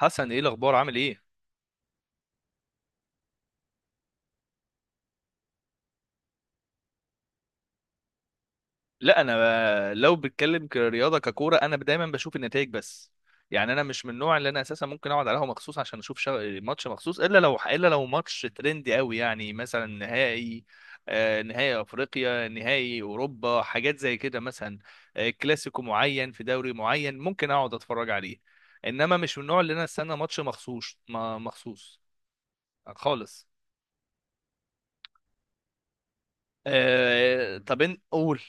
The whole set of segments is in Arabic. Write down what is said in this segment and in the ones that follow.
حسن، ايه الاخبار؟ عامل ايه؟ لا، انا لو بتكلم كرياضه ككوره، انا دايما بشوف النتائج بس. يعني انا مش من النوع اللي انا اساسا ممكن اقعد على قهوه مخصوص عشان اشوف ماتش مخصوص، الا لو ماتش ترندي قوي، يعني مثلا نهائي. نهائي افريقيا، نهائي اوروبا، حاجات زي كده مثلا. كلاسيكو معين في دوري معين ممكن اقعد اتفرج عليه. انما مش من النوع اللي انا استنى ماتش مخصوص، ما مخصوص خالص. طب قول.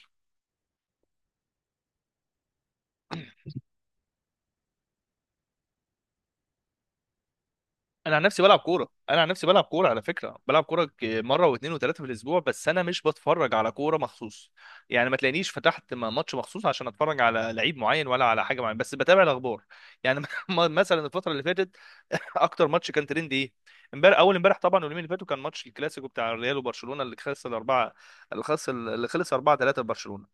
انا عن نفسي بلعب كوره، انا عن نفسي بلعب كوره، على فكره بلعب كوره مره واثنين وثلاثه في الاسبوع، بس انا مش بتفرج على كوره مخصوص. يعني ما تلاقينيش فتحت ماتش مخصوص عشان اتفرج على لعيب معين ولا على حاجه معينه، بس بتابع الاخبار. يعني مثلا الفتره اللي فاتت، اكتر ماتش كان ترند ايه؟ امبارح، اول امبارح طبعا، واليومين اللي فاتوا كان ماتش الكلاسيكو بتاع الريال وبرشلونه، اللي خلص الاربعه. اللي خلص 4-3 لبرشلونه.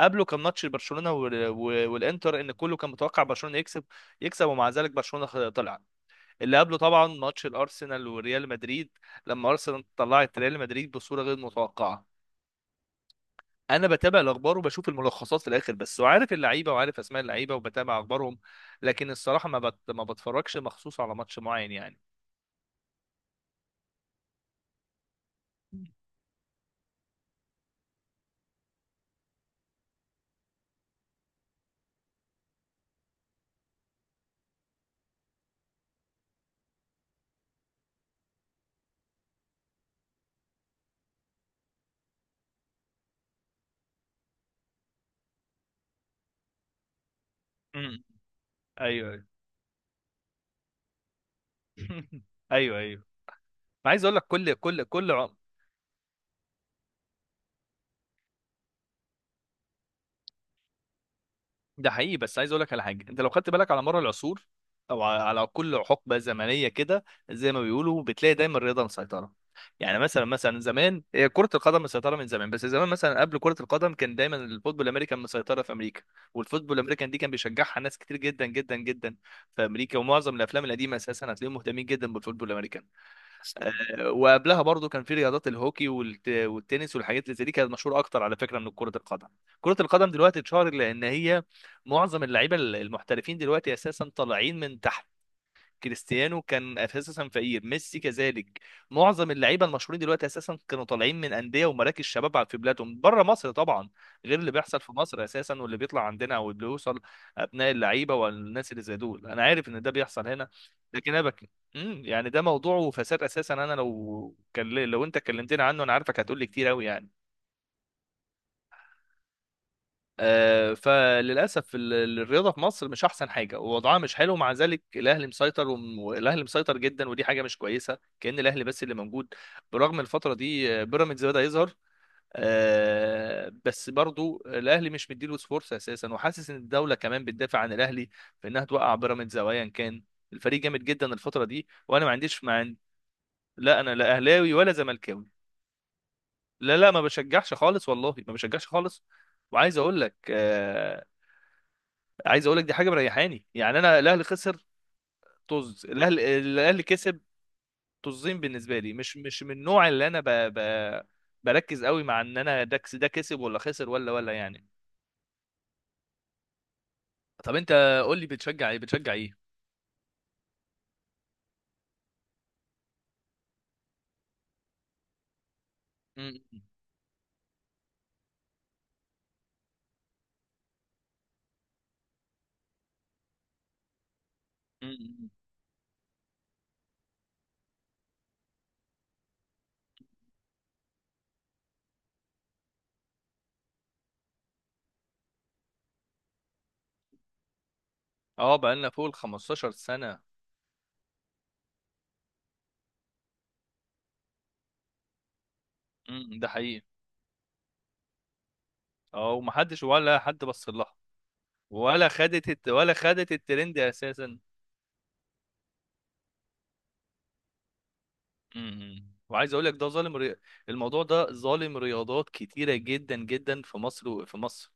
قبله كان ماتش برشلونه والانتر، ان كله كان متوقع برشلونه يكسب. ومع ذلك برشلونه طلع. اللي قبله طبعا ماتش الارسنال وريال مدريد، لما ارسنال طلعت ريال مدريد بصوره غير متوقعه. انا بتابع الاخبار وبشوف الملخصات في الاخر بس، وعارف اللعيبه وعارف اسماء اللعيبه وبتابع اخبارهم. لكن الصراحه ما بتفرجش مخصوص على ماتش معين يعني. امم، ايوه ايوه. ايوه ايوه، عايز اقول لك، كل كل كل ده حقيقي. بس عايز اقول لك على حاجه، انت لو خدت بالك على مر العصور، او على كل حقبه زمنيه كده، زي ما بيقولوا، بتلاقي دايما الرياضه مسيطره. يعني مثلا زمان هي كره القدم مسيطره من زمان، بس زمان مثلا قبل كره القدم كان دايما الفوتبول الامريكان مسيطره في امريكا. والفوتبول الامريكان دي كان بيشجعها ناس كتير جدا جدا جدا في امريكا، ومعظم الافلام القديمه اساسا هتلاقيهم مهتمين جدا بالفوتبول الامريكان. وقبلها برضو كان في رياضات الهوكي والتنس والحاجات اللي زي دي، كانت مشهوره اكتر على فكره من كره القدم. كره القدم دلوقتي اتشهرت لان هي معظم اللعيبه المحترفين دلوقتي اساسا طالعين من تحت. كريستيانو كان اساسا فقير، ميسي كذلك. معظم اللعيبه المشهورين دلوقتي اساسا كانوا طالعين من انديه ومراكز شباب في بلادهم، بره مصر طبعا، غير اللي بيحصل في مصر اساسا، واللي بيطلع عندنا او اللي بيوصل ابناء اللعيبه والناس اللي زي دول. انا عارف ان ده بيحصل هنا، لكن انا بك... مم، يعني ده موضوع وفساد اساسا. انا لو انت كلمتني عنه انا عارفك هتقول لي كتير قوي يعني. فللاسف الرياضه في مصر مش احسن حاجه، ووضعها مش حلو. مع ذلك الاهلي مسيطر والاهلي مسيطر جدا، ودي حاجه مش كويسه، كأن الاهلي بس اللي موجود. برغم الفتره دي بيراميدز بدا يظهر. بس برضو الاهلي مش مديله فرصه اساسا، وحاسس ان الدوله كمان بتدافع عن الاهلي في انها توقع بيراميدز او ايا كان. الفريق جامد جدا الفتره دي وانا ما عنديش مع. لا انا لا اهلاوي ولا زملكاوي. لا لا، ما بشجعش خالص والله، ما بشجعش خالص. وعايز اقول لك عايز اقول لك دي حاجه مريحاني. يعني انا الاهلي خسر، طز، الاهلي كسب، طزين، بالنسبه لي مش من النوع اللي انا بركز قوي مع ان انا ده ده كسب ولا خسر ولا يعني. طب انت قول لي، بتشجع ايه؟ بتشجع ايه؟ م- م- م- م. اه، بقالنا فوق ال 15 سنه. ده حقيقي. اه، ومحدش ولا حد بص لها. ولا خدت الترند اساسا. م- م. وعايز اقول لك ده ظالم. الموضوع ده ظالم رياضات كتيره جدا جدا في مصر. وفي مصر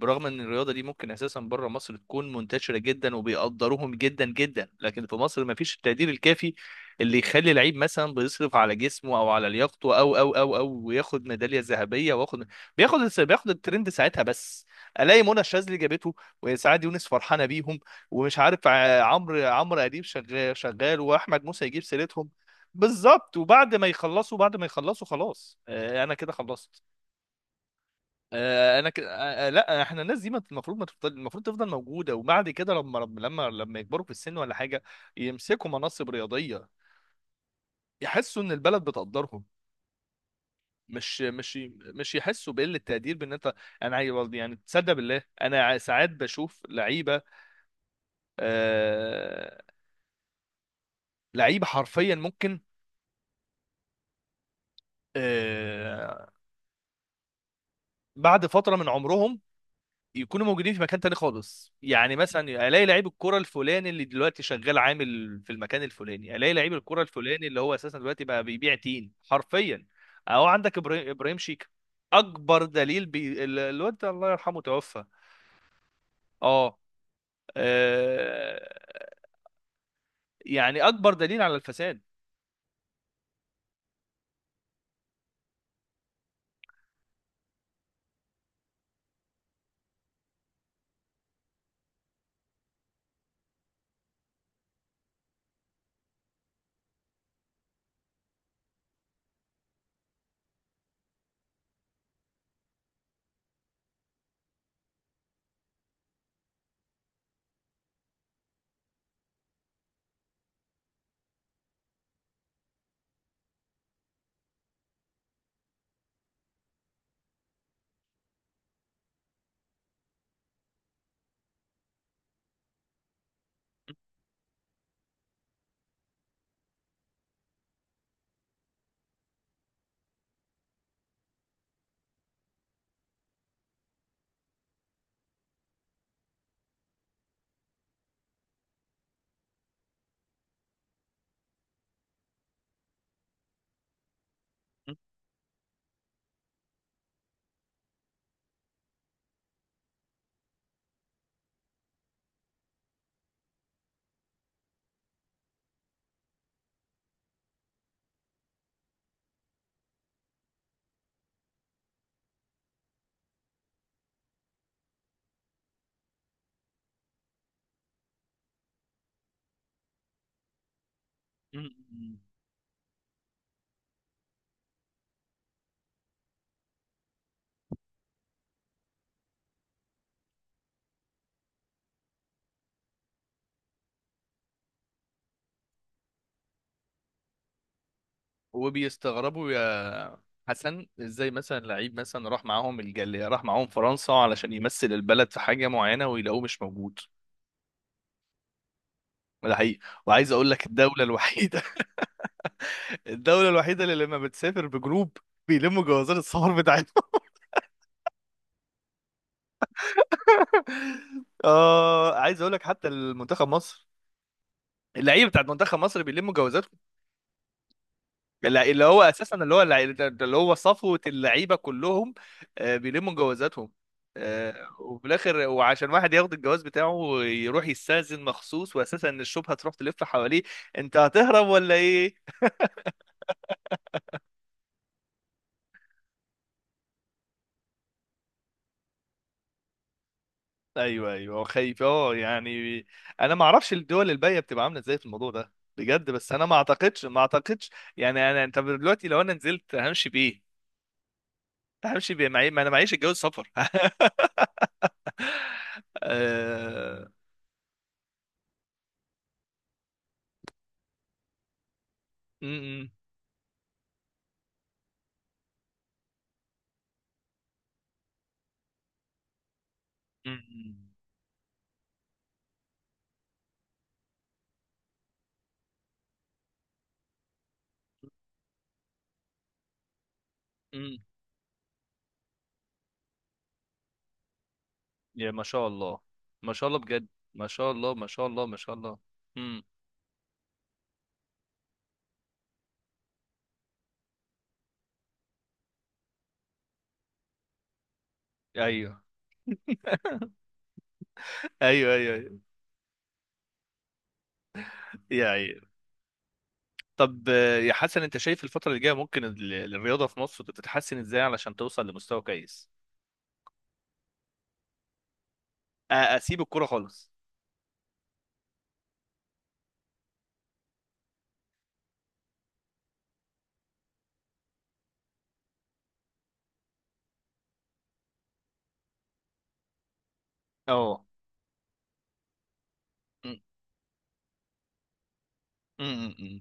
برغم ان الرياضه دي ممكن اساسا بره مصر تكون منتشره جدا وبيقدروهم جدا جدا، لكن في مصر ما فيش التقدير الكافي اللي يخلي لعيب مثلا بيصرف على جسمه او على لياقته، او وياخد ميداليه ذهبيه، واخد، بياخد الترند ساعتها بس. الاقي منى الشاذلي جابته، وسعاد يونس فرحانه بيهم، ومش عارف عمرو اديب شغال شغال، واحمد موسى يجيب سيرتهم. بالظبط، وبعد ما يخلصوا، خلاص، انا كده خلصت. آه، انا ك... آه، آه، لا، احنا الناس دي المفروض ما تفضل، المفروض تفضل موجوده، وبعد كده لما يكبروا في السن ولا حاجه يمسكوا مناصب رياضيه، يحسوا ان البلد بتقدرهم، مش، مش يحسوا بقله تقدير بان انت. انا يعني تصدق بالله، انا ساعات بشوف لعيبه، آه... لعيبه حرفيا ممكن آه... بعد فتره من عمرهم يكونوا موجودين في مكان تاني خالص. يعني مثلا الاقي لعيب الكرة الفلاني اللي دلوقتي شغال عامل في المكان الفلاني، الاقي لعيب الكرة الفلاني اللي هو اساسا دلوقتي بقى بيبيع تين حرفيا، او عندك ابراهيم شيك اكبر دليل. الواد ده الله يرحمه توفى. اه، آه، يعني اكبر دليل على الفساد. م- م- م. وبيستغربوا يا حسن، ازاي مثلا لعيب مثلا راح معاهم الجالية، راح معاهم فرنسا علشان يمثل البلد في حاجة معينة، ويلاقوه مش موجود. ده حقيقي. وعايز اقول لك الدوله الوحيده، الدوله الوحيده اللي لما بتسافر بجروب بيلموا جوازات السفر بتاعتهم. اه، عايز اقول لك، حتى المنتخب مصر، اللعيبه بتاعت منتخب مصر بيلموا جوازاتهم. اللي هو اساسا، اللي هو صفوه اللعيبه كلهم، بيلموا جوازاتهم. وفي الاخر، وعشان واحد ياخد الجواز بتاعه يروح يستأذن مخصوص، واساسا ان الشبهه تروح تلف حواليه، انت هتهرب ولا ايه؟ ايوه ايوه، هو خايف اه يعني. انا ما اعرفش الدول الباقيه بتبقى عامله ازاي في الموضوع ده بجد، بس انا ما اعتقدش، ما اعتقدش. يعني انا، انت دلوقتي لو انا نزلت همشي بايه؟ همشي بايه؟ معي، ما انا معيش الجواز سفر. آه، م- م- م- م- يا ما شاء الله، ما شاء الله بجد. ما شاء الله، ما شاء الله، ما شاء الله. امم، ايوه. ايوه ايوه ايوه، يا ايوه. طب يا حسن، انت شايف الفتره اللي جايه ممكن الرياضه في مصر تتحسن ازاي علشان توصل لمستوى كويس؟ اسيب الكوره خالص. اه. م- م- م- م.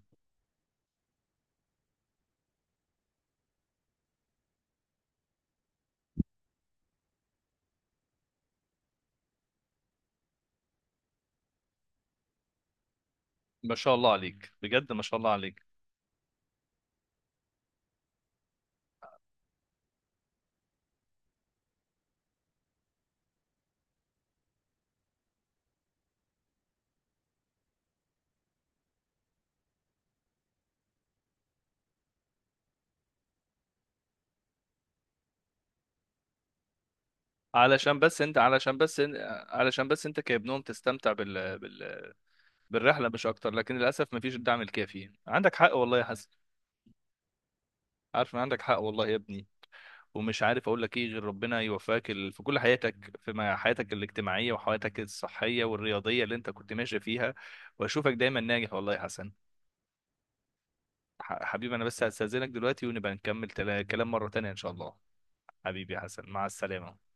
ما شاء الله عليك بجد، ما شاء الله عليك. علشان بس انت علشان بس انت علشان بس انت كابنهم تستمتع بالرحله مش اكتر، لكن للاسف ما فيش الدعم الكافي، عندك حق والله يا حسن. عارف ان عندك حق والله يا ابني، ومش عارف اقول لك ايه غير ربنا يوفقك في كل حياتك، في حياتك الاجتماعيه وحياتك الصحيه والرياضيه اللي انت كنت ماشي فيها، واشوفك دايما ناجح والله يا حسن. حبيبي، انا بس هستاذنك دلوقتي، ونبقى نكمل كلام مره تانية ان شاء الله. حبيبي يا حسن، مع السلامة.